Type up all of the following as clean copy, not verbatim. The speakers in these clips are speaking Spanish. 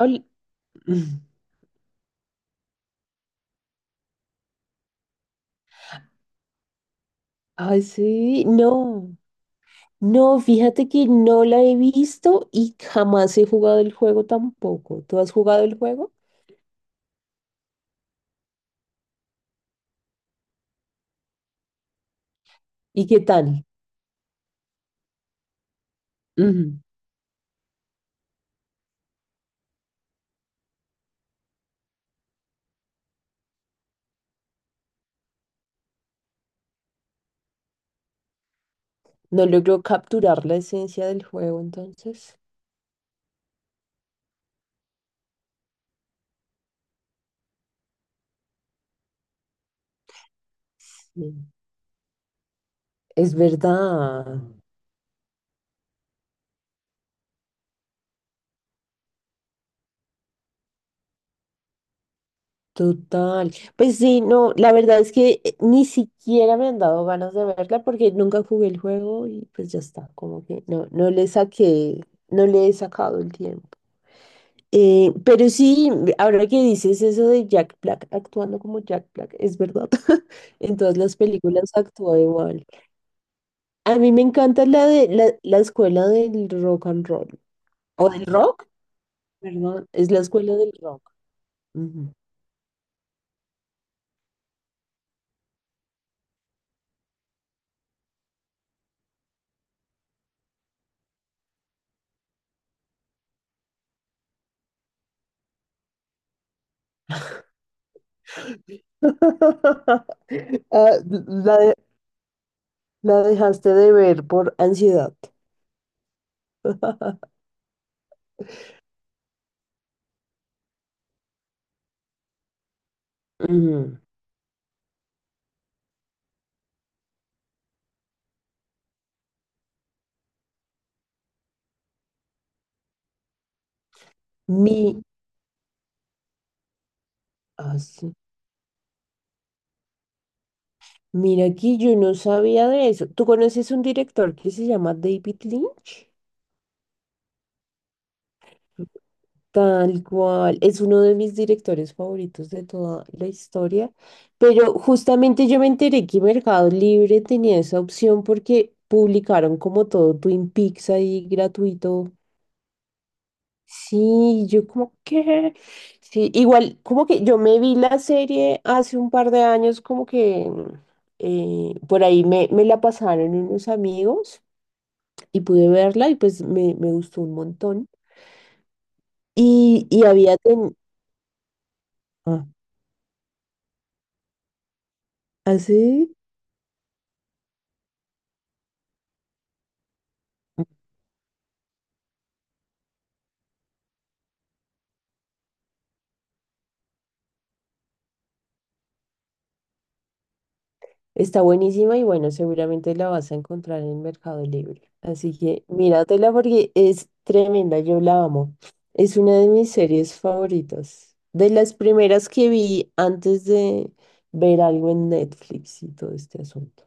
Ol- Ay, sí, no, no, fíjate que no la he visto y jamás he jugado el juego tampoco. ¿Tú has jugado el juego? ¿Y qué tal? Ujú. No logró capturar la esencia del juego, entonces. Sí. Es verdad, total. Pues sí, no, la verdad es que ni siquiera me han dado ganas de verla porque nunca jugué el juego y pues ya está, como que no, no le saqué, no le he sacado el tiempo. Pero sí, ahora que dices eso de Jack Black actuando como Jack Black, es verdad. En todas las películas actúa igual. A mí me encanta la de la escuela del rock and roll. O del rock, perdón, es la escuela del rock. Ujú. Ah, la, de- la dejaste de ver por ansiedad. Ujú. Mi, ah, sí. Mira aquí, yo no sabía de eso. ¿Tú conoces un director que se llama David Lynch? Tal cual, es uno de mis directores favoritos de toda la historia, pero justamente yo me enteré que Mercado Libre tenía esa opción porque publicaron como todo Twin Peaks ahí gratuito. Sí, sí, igual como que yo me vi la serie hace un par de años como que por ahí me la pasaron unos amigos y pude verla y pues me gustó un montón. Y, y había... ten- Ah, ¿así? Está buenísima y bueno, seguramente la vas a encontrar en Mercado Libre. Así que míratela porque es tremenda, yo la amo. Es una de mis series favoritas. De las primeras que vi antes de ver algo en Netflix y todo este asunto.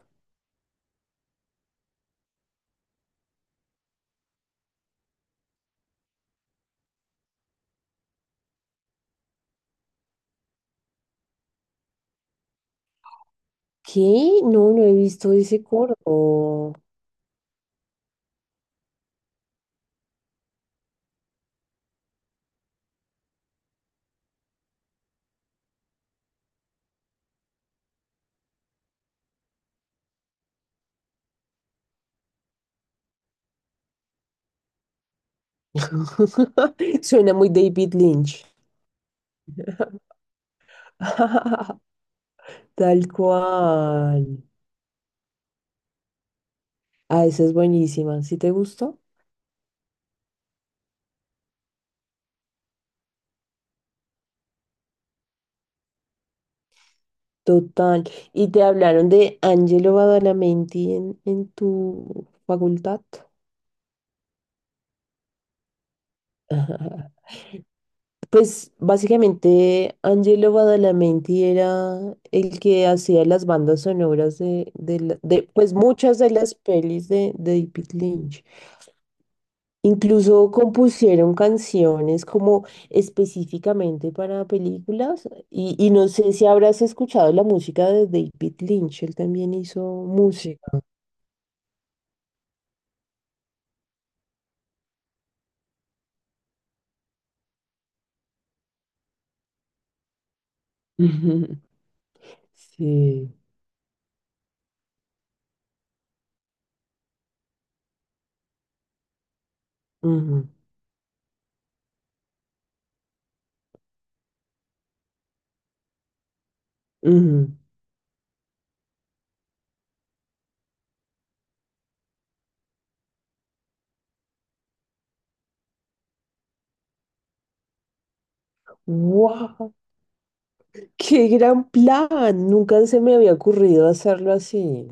¿Qué? No, no he visto ese corto. Suena muy David Lynch. Tal cual. Ah, esa es buenísima. ¿Sí te gustó? Total. ¿Y te hablaron de Angelo Badalamenti en tu facultad? Ajá. Pues básicamente Angelo Badalamenti era el que hacía las bandas sonoras de pues muchas de las pelis de David Lynch. Incluso compusieron canciones como específicamente para películas y no sé si habrás escuchado la música de David Lynch, él también hizo música. Sí. Ujú, ujú. ¡Guau! ¡Qué gran plan! Nunca se me había ocurrido hacerlo así.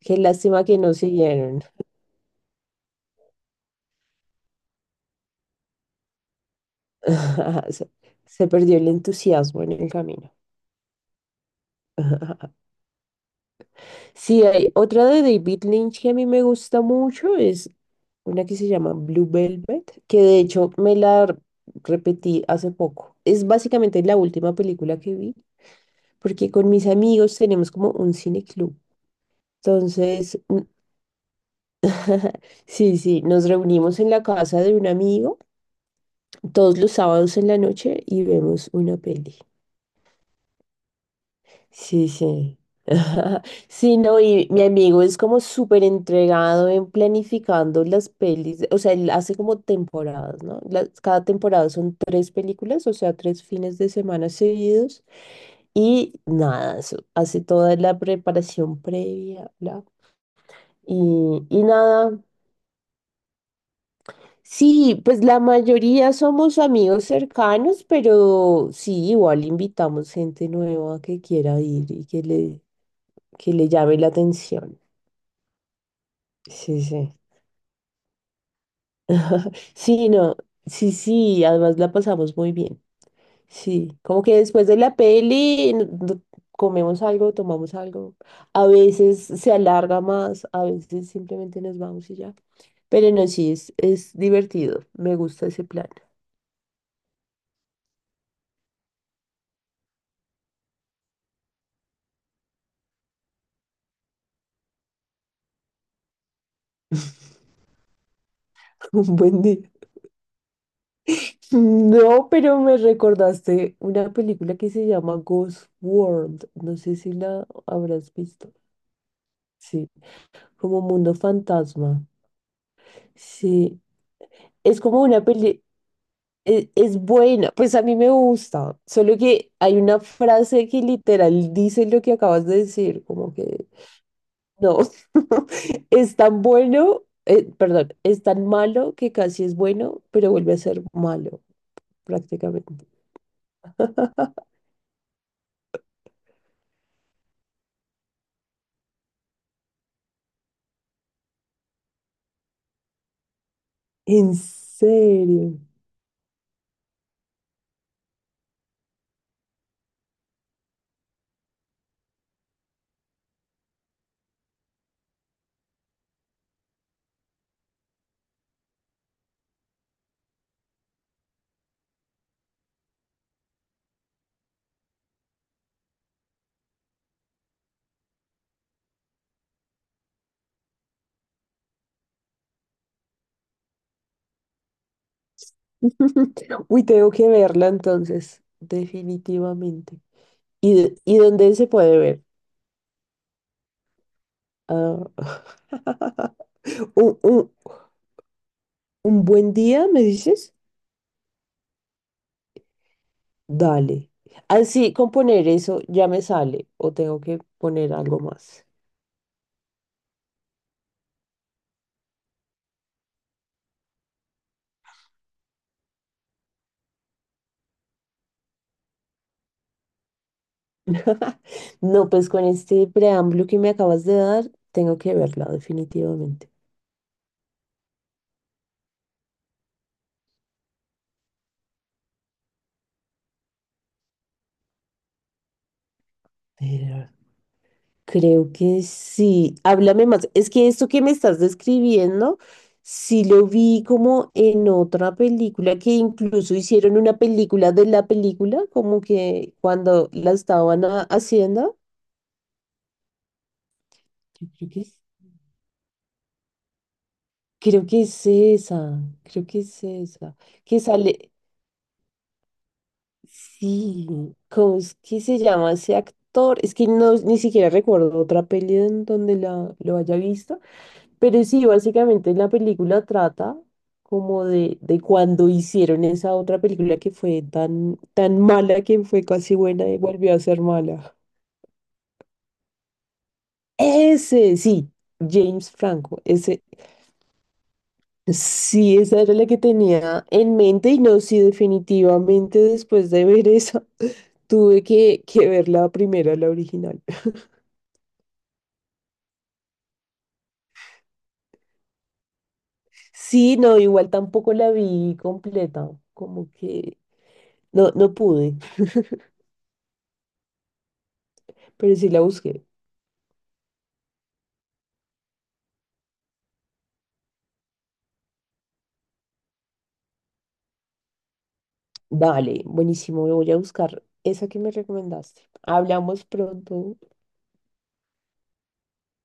Qué lástima que no siguieron. Se, Se perdió el entusiasmo en el camino. Sí, hay otra de David Lynch que a mí me gusta mucho, es una que se llama Blue Velvet, que de hecho me la repetí hace poco. Es básicamente la última película que vi, porque con mis amigos tenemos como un cineclub. Entonces, sí, sí, nos reunimos en la casa de un amigo todos los sábados en la noche y vemos una peli. Sí, sí. Sí, no, y mi amigo es como súper entregado en planificando las pelis, o sea, él hace como temporadas, ¿no? Las- cada temporada son tres películas, o sea, tres fines de semana seguidos. Y nada, eso, hace toda la preparación previa, bla. Y nada, sí, pues la mayoría somos amigos cercanos, pero sí, igual invitamos gente nueva que quiera ir y que le llame la atención. Sí, sí. Sí, no, sí, sí, además la pasamos muy bien. Sí, como que después de la peli comemos algo, tomamos algo. A veces se alarga más, a veces simplemente nos vamos y ya. Pero no, sí, es divertido. Me gusta ese plan. Un buen día. Mm, no, pero me recordaste una película que se llama Ghost World. No sé si la habrás visto. Sí, como Mundo Fantasma. Sí, es como una peli, es, buena, pues a mí me gusta. Solo que hay una frase que literal dice lo que acabas de decir, como que no, es tan bueno, perdón, es tan malo que casi es bueno, pero vuelve a ser malo prácticamente. En serio. Uy, tengo que verla entonces, definitivamente. ¿Y, y dónde se puede ver? Ah, un, un- un buen día, me dices? Dale. Así, con poner eso ya me sale, o tengo que poner algo más. No, pues con este preámbulo que me acabas de dar, tengo que verla, definitivamente. Pero creo que sí. Háblame más. Es que esto que me estás describiendo, sí lo vi como en otra película, que incluso hicieron una película de la película, como que cuando la estaban haciendo. Yo creo que es esa, creo que es esa. Que sale, sí, ¿cómo es que se llama ese actor? Es que no, ni siquiera recuerdo otra peli en donde lo haya visto. Pero sí, básicamente la película trata como de cuando hicieron esa otra película que fue tan, tan mala que fue casi buena y volvió a ser mala. Ese, sí, James Franco, ese, sí, esa era la que tenía en mente y no, sí, definitivamente después de ver esa, tuve que ver la primera, la original. Sí, no, igual tampoco la vi completa, como que no, no pude, pero sí la busqué. Vale, buenísimo, voy a buscar esa que me recomendaste. Hablamos pronto.